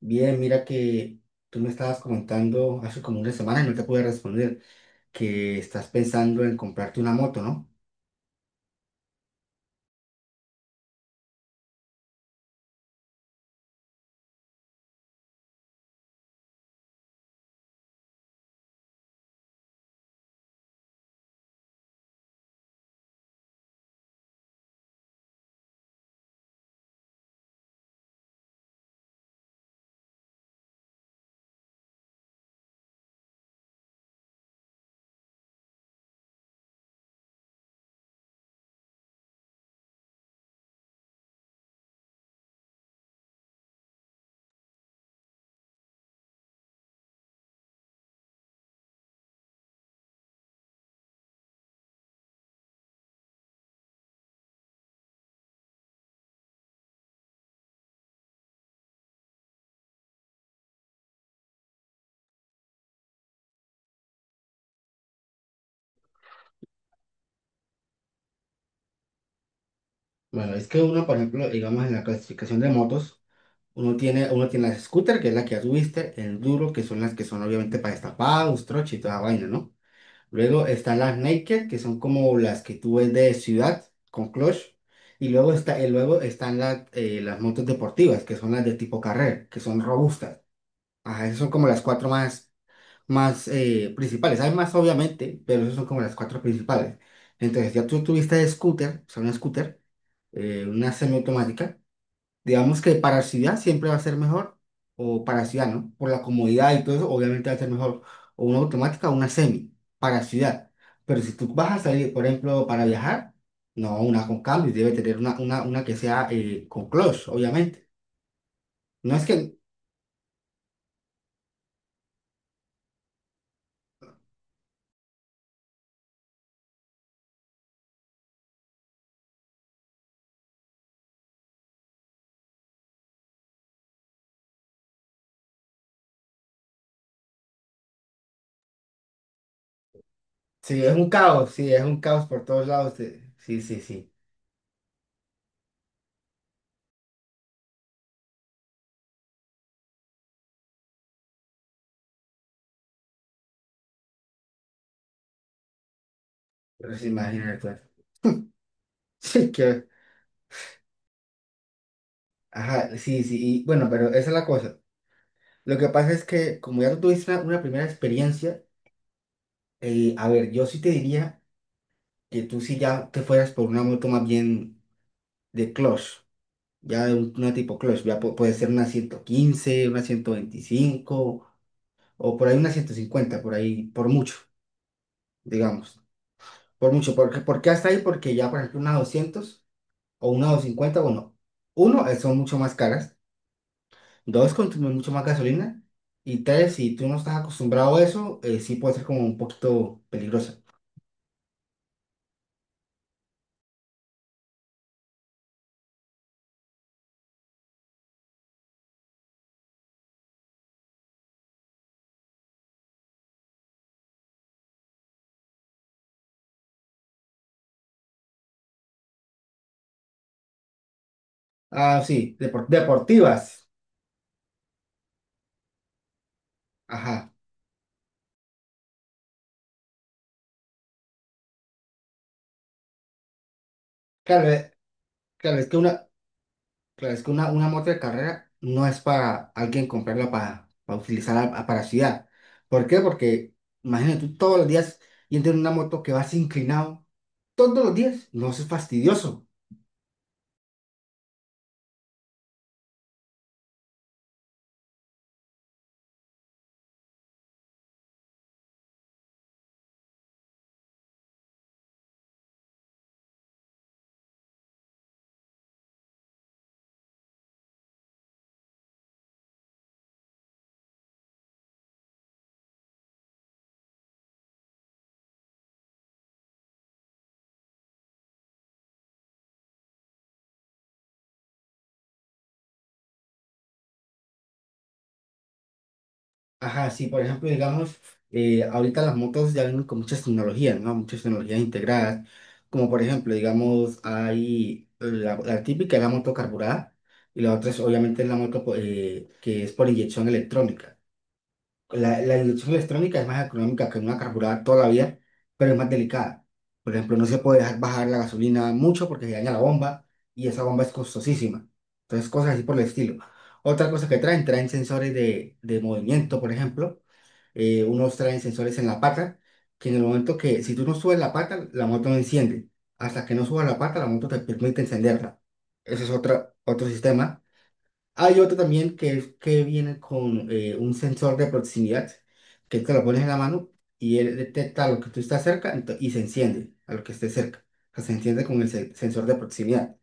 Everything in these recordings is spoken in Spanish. Bien, mira que tú me estabas comentando hace como una semana y no te pude responder que estás pensando en comprarte una moto, ¿no? Bueno, es que uno, por ejemplo, digamos en la clasificación de motos, uno tiene las scooter, que es la que ya tuviste, el duro, que son las que son obviamente para destapados, troche y toda esa vaina, ¿no? Luego están las naked, que son como las que tú ves de ciudad con clutch. Y luego están las motos deportivas, que son las de tipo carrera, que son robustas. Ajá, esas son como las cuatro más principales. Hay más, obviamente, pero esas son como las cuatro principales. Entonces, ya tú tuviste scooter, o sea, una scooter, una semiautomática. Digamos que para ciudad siempre va a ser mejor, o para ciudad, ¿no? Por la comodidad y todo eso, obviamente va a ser mejor. O una automática o una semi, para ciudad. Pero si tú vas a salir, por ejemplo, para viajar, no, una con cambios, debe tener una que sea con clutch, obviamente. No es que, si es un caos, sí, es un caos por todos lados. Sí, sí, sí. Pero se imagina Sí, que, ajá, sí, sí, y bueno, pero esa es la cosa. Lo que pasa es que como ya tú tuviste una primera experiencia, a ver, yo sí te diría que tú sí ya te fueras por una moto más bien de clutch, ya de una tipo clutch, ya puede ser una 115 una 125 o por ahí una 150 por ahí, por mucho, digamos, por mucho, porque, ¿por qué hasta ahí? Porque ya, por ejemplo, una 200 o una 250, bueno, uno, son mucho más caras. Dos, consume mucho más gasolina. Y tres, si tú no estás acostumbrado a eso, sí puede ser como un poquito peligrosa. Ah, sí, deportivas. Ajá. Claro, eh, claro, es que una, claro, es que una moto de carrera no es para alguien comprarla para utilizarla para ciudad. ¿Por qué? Porque imagínate tú todos los días y en una moto que vas inclinado, todos los días, no eso es fastidioso. Ajá, sí, por ejemplo, digamos, ahorita las motos ya vienen con muchas tecnologías, ¿no? Muchas tecnologías integradas, como por ejemplo, digamos, hay la típica es la moto carburada y la otra es obviamente la moto que es por inyección electrónica. La inyección electrónica es más económica que una carburada todavía, pero es más delicada. Por ejemplo, no se puede dejar bajar la gasolina mucho porque se daña la bomba y esa bomba es costosísima. Entonces, cosas así por el estilo. Otra cosa que traen sensores de movimiento, por ejemplo unos traen sensores en la pata, que en el momento que, si tú no subes la pata, la moto no enciende. Hasta que no subas la pata, la moto te permite encenderla. Ese es otro sistema. Hay otro también que es que viene con un sensor de proximidad, que te lo pones en la mano y él detecta lo que tú estás cerca y se enciende a lo que esté cerca. O sea, se enciende con el sensor de proximidad.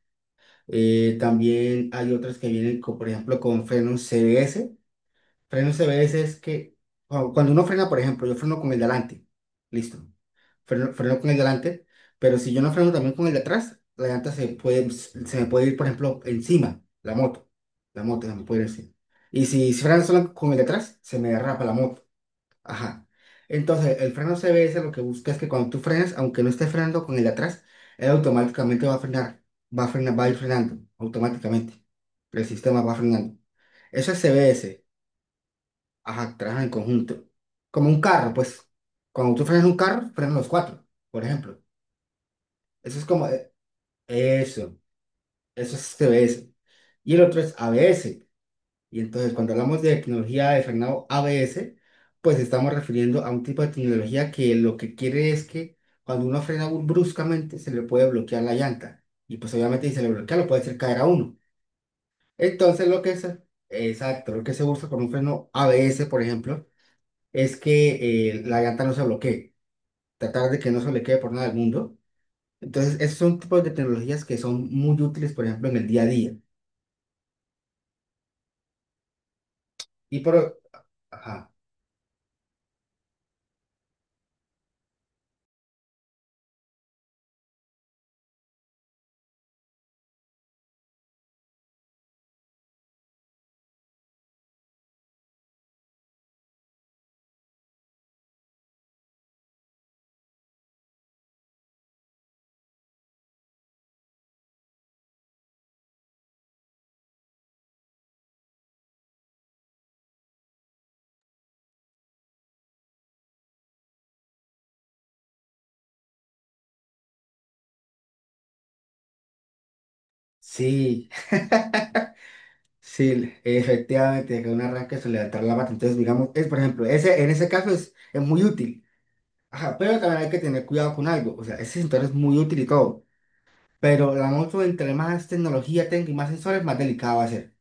También hay otros que vienen, con, por ejemplo, con frenos CBS. Freno CBS es que cuando uno frena, por ejemplo, yo freno con el de delante. Listo. Freno con el de delante. Pero si yo no freno también con el de atrás, la llanta se me puede ir, por ejemplo, encima, la moto. La moto se me puede ir encima. Y si freno solo con el de atrás, se me derrapa la moto. Ajá. Entonces, el freno CBS lo que busca es que cuando tú frenas, aunque no estés frenando con el de atrás, él automáticamente va a frenar. Va a frenar, va a ir frenando automáticamente. El sistema va frenando. Eso es CBS. Ajá, trabajan en conjunto. Como un carro, pues. Cuando tú frenas un carro, frenan los cuatro, por ejemplo. Eso es como, eso, eso es TBS. Y el otro es ABS. Y entonces, cuando hablamos de tecnología de frenado ABS, pues estamos refiriendo a un tipo de tecnología que lo que quiere es que cuando uno frena bruscamente, se le puede bloquear la llanta. Y pues obviamente si se le bloquea, lo puede hacer caer a uno. Entonces, lo que es, exacto, lo que se usa con un freno ABS, por ejemplo, es que la llanta no se bloquee, tratar de que no se bloquee por nada del mundo. Entonces, esos son tipos de tecnologías que son muy útiles, por ejemplo, en el día a día. Y por... Ajá, sí, sí, efectivamente, que un arranque se le altera la pata. Entonces, digamos, es, por ejemplo, ese, en ese caso es muy útil. Ajá, pero también hay que tener cuidado con algo. O sea, ese sensor es muy útil y todo. Pero la moto, entre más tecnología tenga y más sensores, más delicado va a ser.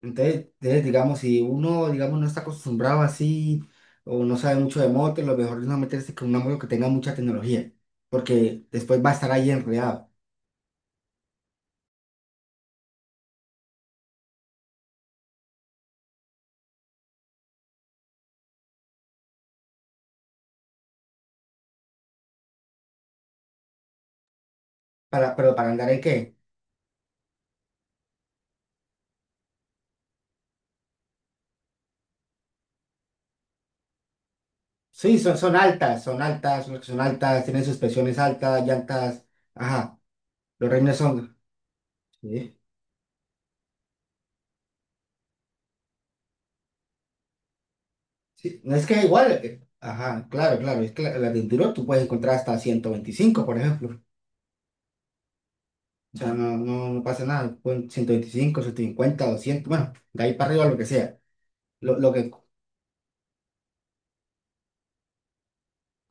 Entonces, digamos, si uno, digamos, no está acostumbrado así o no sabe mucho de moto, lo mejor es no meterse con una moto que tenga mucha tecnología, porque después va a estar ahí enredado. ¿Pero para andar en qué? Sí, son altas, son altas, son altas, tienen suspensiones altas, llantas, ajá, los rines son... Sí, sí, no es que igual, ajá, claro, claro, es que la de enduro tú puedes encontrar hasta 125 por ejemplo. O sea, no, no, no pasa nada, pon 125, 150 200 bueno, de ahí para arriba lo que sea. Lo que...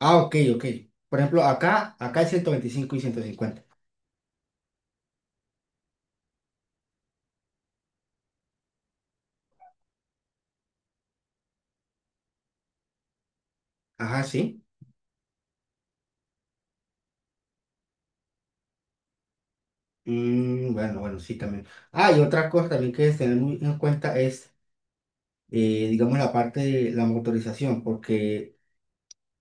Ah, ok, ok. Por ejemplo, acá, acá es 125 y 150. Ajá, sí. Bueno, bueno, sí, también. Ah, y otra cosa también que es tener muy en cuenta es, digamos, la parte de la motorización, porque,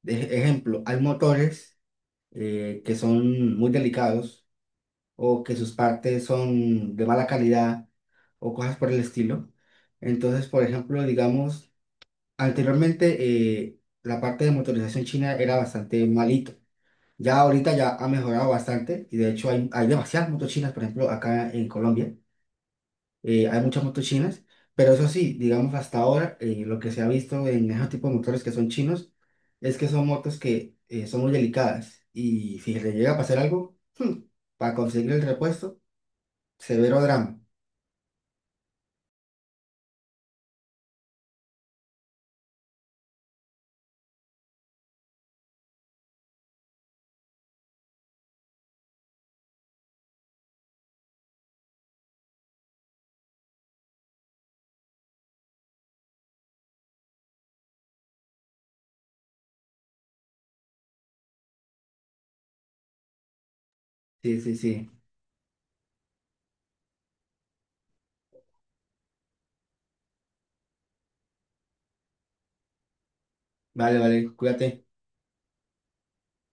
de ejemplo, hay motores que son muy delicados o que sus partes son de mala calidad o cosas por el estilo. Entonces, por ejemplo, digamos, anteriormente la parte de motorización china era bastante malito. Ya ahorita ya ha mejorado bastante y de hecho hay demasiadas motos chinas, por ejemplo, acá en Colombia, hay muchas motos chinas, pero eso sí, digamos hasta ahora lo que se ha visto en esos tipos de motores que son chinos es que son motos que son muy delicadas y si le llega a pasar algo, para conseguir el repuesto, severo drama. Sí, sí, sí. Vale, vale, cuídate.